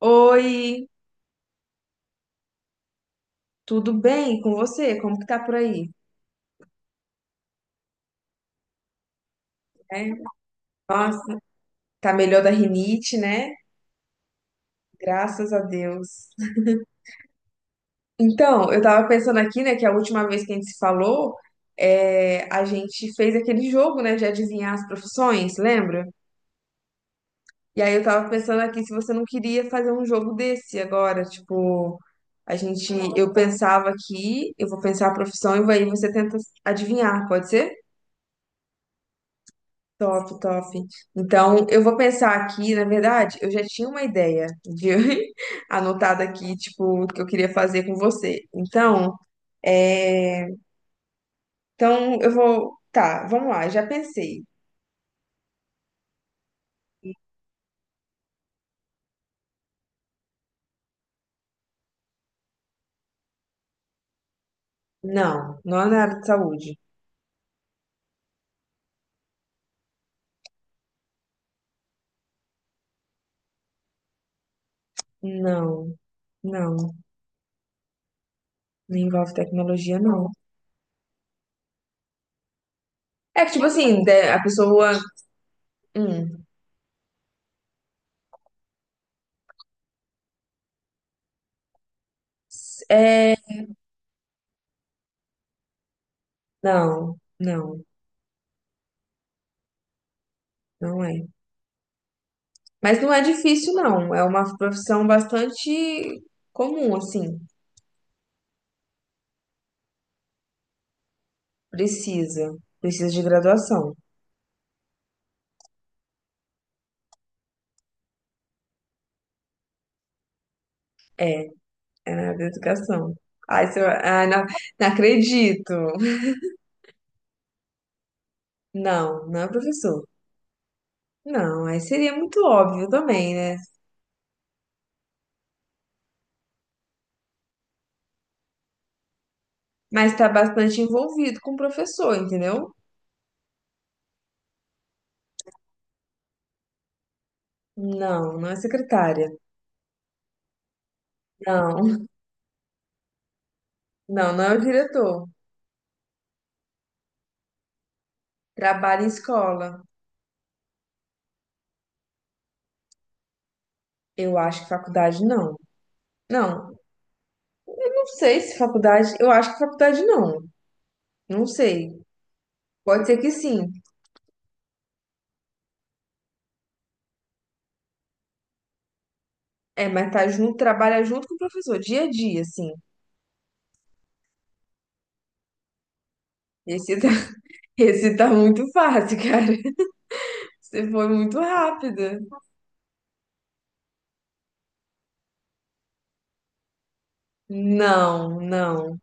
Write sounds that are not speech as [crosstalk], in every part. Oi, tudo bem com você? Como que tá por aí? Né? Nossa, tá melhor da rinite, né? Graças a Deus. Então, eu tava pensando aqui, né, que a última vez que a gente se falou, é, a gente fez aquele jogo, né, de adivinhar as profissões, lembra? E aí eu tava pensando aqui se você não queria fazer um jogo desse agora, tipo, a gente, eu pensava aqui, eu vou pensar a profissão e aí você tenta adivinhar, pode ser? Top, top. Então, eu vou pensar aqui, na verdade, eu já tinha uma ideia de [laughs] anotada aqui, tipo, o que eu queria fazer com você. Então, é... então eu vou, tá, vamos lá, já pensei. Não, não é na área de saúde. Não, não, não envolve tecnologia, não. É que tipo assim, a pessoa, hum, é, não, não, não é. Mas não é difícil, não. É uma profissão bastante comum, assim. Precisa. Precisa de graduação. É na área da educação. Aí você vai. Ai, não, não acredito. Não, não é professor. Não, aí seria muito óbvio também, né? Mas tá bastante envolvido com o professor, entendeu? Não, não é secretária. Não, não é o diretor. Trabalha em escola. Eu acho que faculdade não. Não, não sei se faculdade. Eu acho que faculdade não. Não sei. Pode ser que sim. É, mas tá junto, trabalha junto com o professor, dia a dia, assim. Esse [laughs] esse tá muito fácil, cara. [laughs] Você foi muito rápida. Não, não.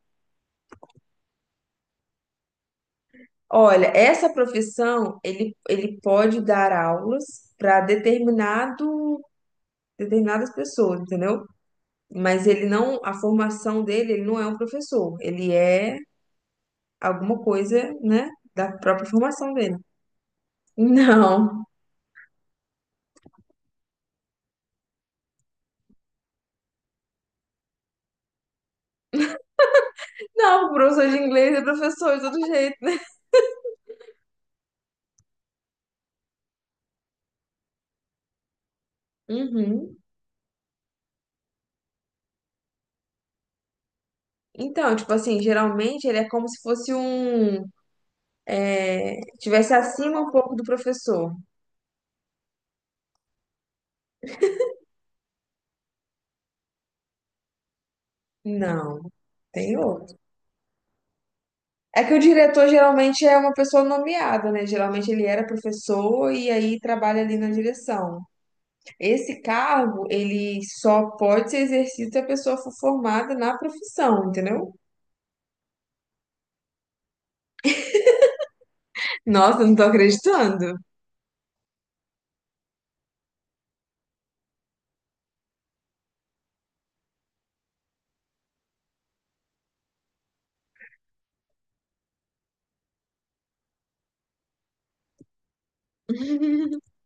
Olha, essa profissão, ele pode dar aulas para determinadas pessoas, entendeu? Mas ele não, a formação dele, ele não é um professor. Ele é alguma coisa, né, da própria formação dele. Não. Não, professor de inglês é professor de todo jeito, né? Uhum. Então, tipo assim, geralmente ele é como se fosse um tivesse acima um pouco do professor. Não, tem outro. É que o diretor geralmente é uma pessoa nomeada, né? Geralmente ele era professor e aí trabalha ali na direção. Esse cargo, ele só pode ser exercido se a pessoa for formada na profissão, entendeu? Nossa, eu não tô acreditando. [laughs]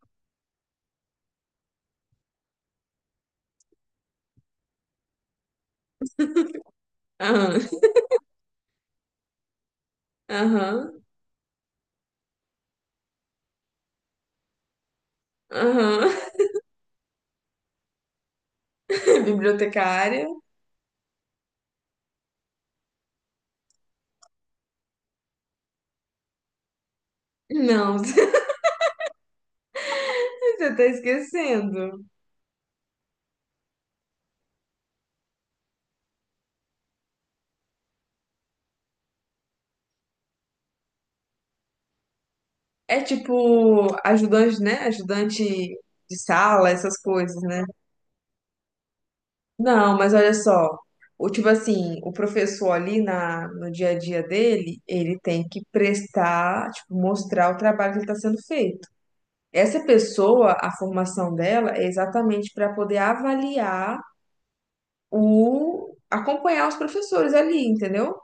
Aham, aham, aham. [laughs] Bibliotecária? Não, [laughs] você tá esquecendo. É tipo ajudante, né? Ajudante de sala, essas coisas, né? Não, mas olha só, o tipo assim, o professor ali na, no dia a dia dele, ele tem que prestar, tipo, mostrar o trabalho que está sendo feito. Essa pessoa, a formação dela é exatamente para poder avaliar o, acompanhar os professores ali, entendeu?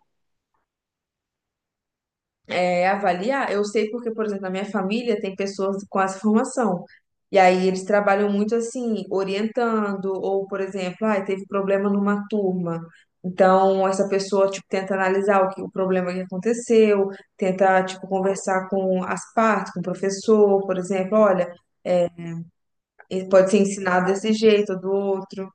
É, avaliar, eu sei porque, por exemplo, na minha família tem pessoas com essa formação. E aí eles trabalham muito assim, orientando, ou, por exemplo, ah, teve problema numa turma. Então, essa pessoa, tipo, tenta analisar o que, o problema que aconteceu, tenta, tipo, conversar com as partes, com o professor, por exemplo, olha, ele pode ser ensinado desse jeito ou do outro.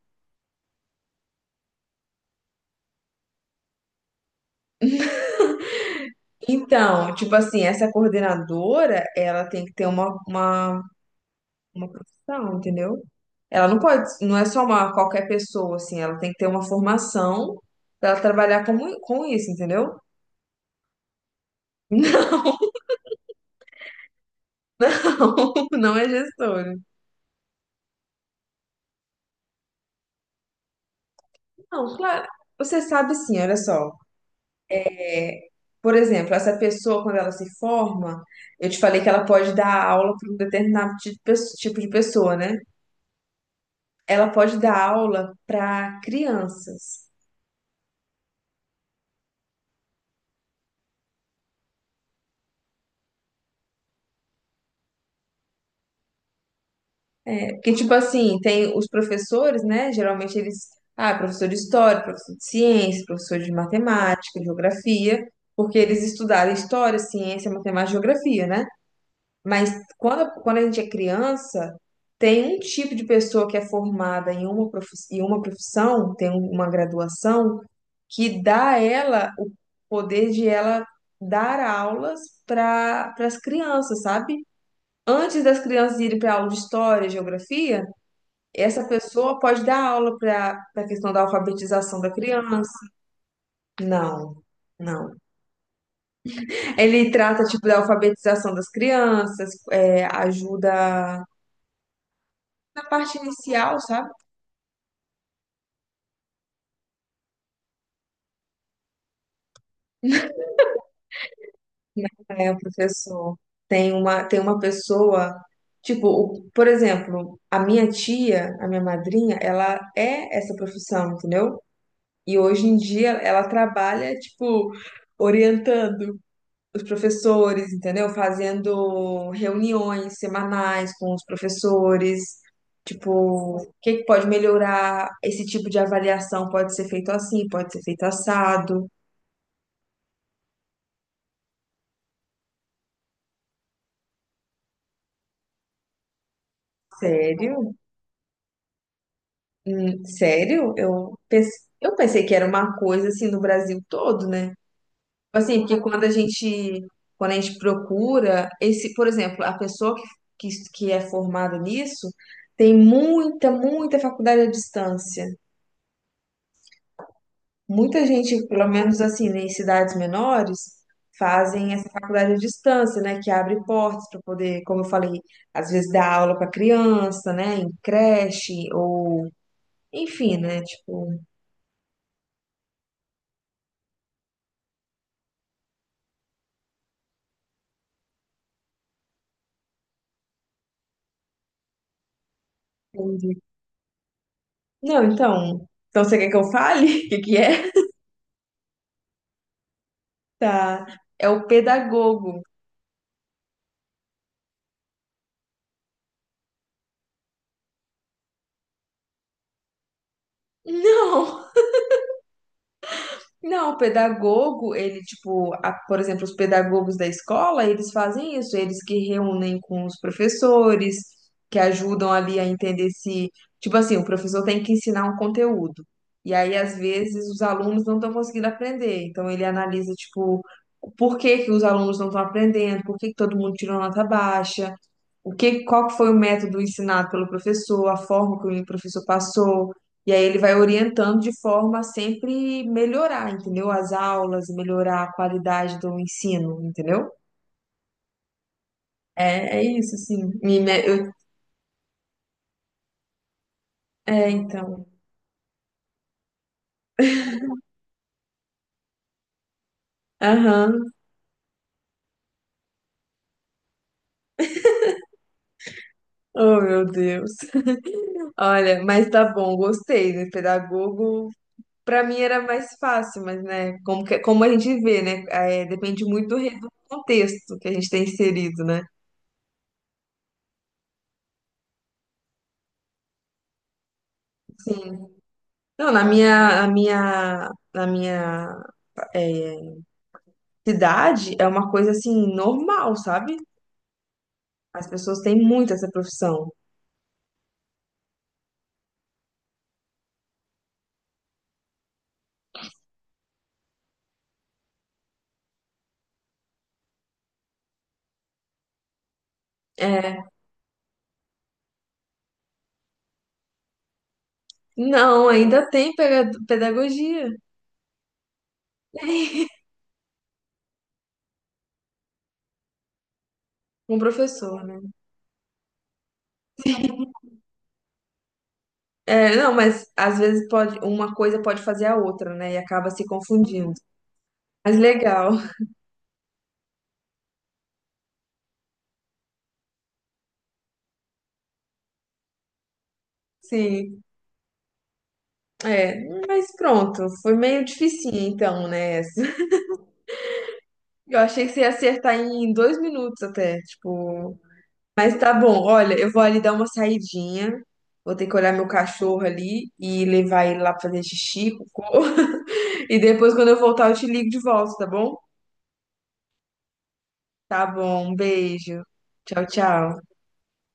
Então, tipo assim, essa coordenadora, ela tem que ter uma uma profissão, entendeu? Ela não pode, não é só uma qualquer pessoa, assim, ela tem que ter uma formação para ela trabalhar com isso, entendeu? [laughs] Não, não, não é gestora. Não, claro, você sabe sim, olha só. É, por exemplo, essa pessoa, quando ela se forma, eu te falei que ela pode dar aula para um determinado tipo de pessoa, né? Ela pode dar aula para crianças. Porque, tipo assim, tem os professores, né? Geralmente eles. Ah, professor de história, professor de ciência, professor de matemática, geografia, porque eles estudaram história, ciência, matemática geografia, né? Mas quando a gente é criança, tem um tipo de pessoa que é formada em uma profissão, tem uma graduação, que dá a ela o poder de ela dar aulas para as crianças, sabe? Antes das crianças irem para aula de história, geografia. Essa pessoa pode dar aula para a questão da alfabetização da criança? Não, não. Ele trata, tipo, da alfabetização das crianças, é, ajuda na parte inicial, sabe? É, o professor tem tem uma pessoa, tipo, por exemplo, a minha tia, a minha madrinha, ela é essa profissão, entendeu? E hoje em dia ela trabalha, tipo, orientando os professores, entendeu? Fazendo reuniões semanais com os professores, tipo, o que que pode melhorar? Esse tipo de avaliação pode ser feito assim, pode ser feito assado. Sério? Sério? Eu pensei que era uma coisa assim no Brasil todo, né? Assim, porque quando a gente procura esse, por exemplo, a pessoa que, que, que é formada nisso tem muita faculdade à distância. Muita gente, pelo menos assim, né, em cidades menores, fazem essa faculdade à distância, né? Que abre portas para poder, como eu falei, às vezes dar aula para criança, né? Em creche, ou enfim, né? Tipo. Entendi. Não, então. Então você quer que eu fale? [laughs] O que que é? Tá. É o pedagogo. Não! Não, o pedagogo, ele, tipo, por exemplo, os pedagogos da escola, eles fazem isso, eles que reúnem com os professores, que ajudam ali a entender se, tipo assim, o professor tem que ensinar um conteúdo. E aí, às vezes, os alunos não estão conseguindo aprender. Então, ele analisa, tipo, por que que os alunos não estão aprendendo, por que que todo mundo tirou nota baixa, qual que foi o método ensinado pelo professor, a forma que o professor passou. E aí ele vai orientando de forma a sempre melhorar, entendeu? As aulas, melhorar a qualidade do ensino, entendeu? É, é isso, assim. É, então. Aham. Oh, meu Deus. [laughs] Olha, mas tá bom, gostei, né? Pedagogo, pra mim era mais fácil, mas, né? Como a gente vê, né? É, depende muito do, do contexto que a gente tem inserido, né? Sim. Não, na minha é, cidade é uma coisa assim normal, sabe? As pessoas têm muito essa profissão. É. Não, ainda tem pedagogia. [laughs] Um professor, né? É, não, mas às vezes pode, uma coisa pode fazer a outra, né? E acaba se confundindo. Mas legal, [laughs] sim. É, mas pronto, foi meio dificinho então, né? Essa. [laughs] Eu achei que você ia acertar em 2 minutos até, tipo. Mas tá bom, olha, eu vou ali dar uma saidinha. Vou ter que olhar meu cachorro ali e levar ele lá pra fazer xixi, cocô. E depois, quando eu voltar, eu te ligo de volta, tá bom? Tá bom, um beijo. Tchau, tchau.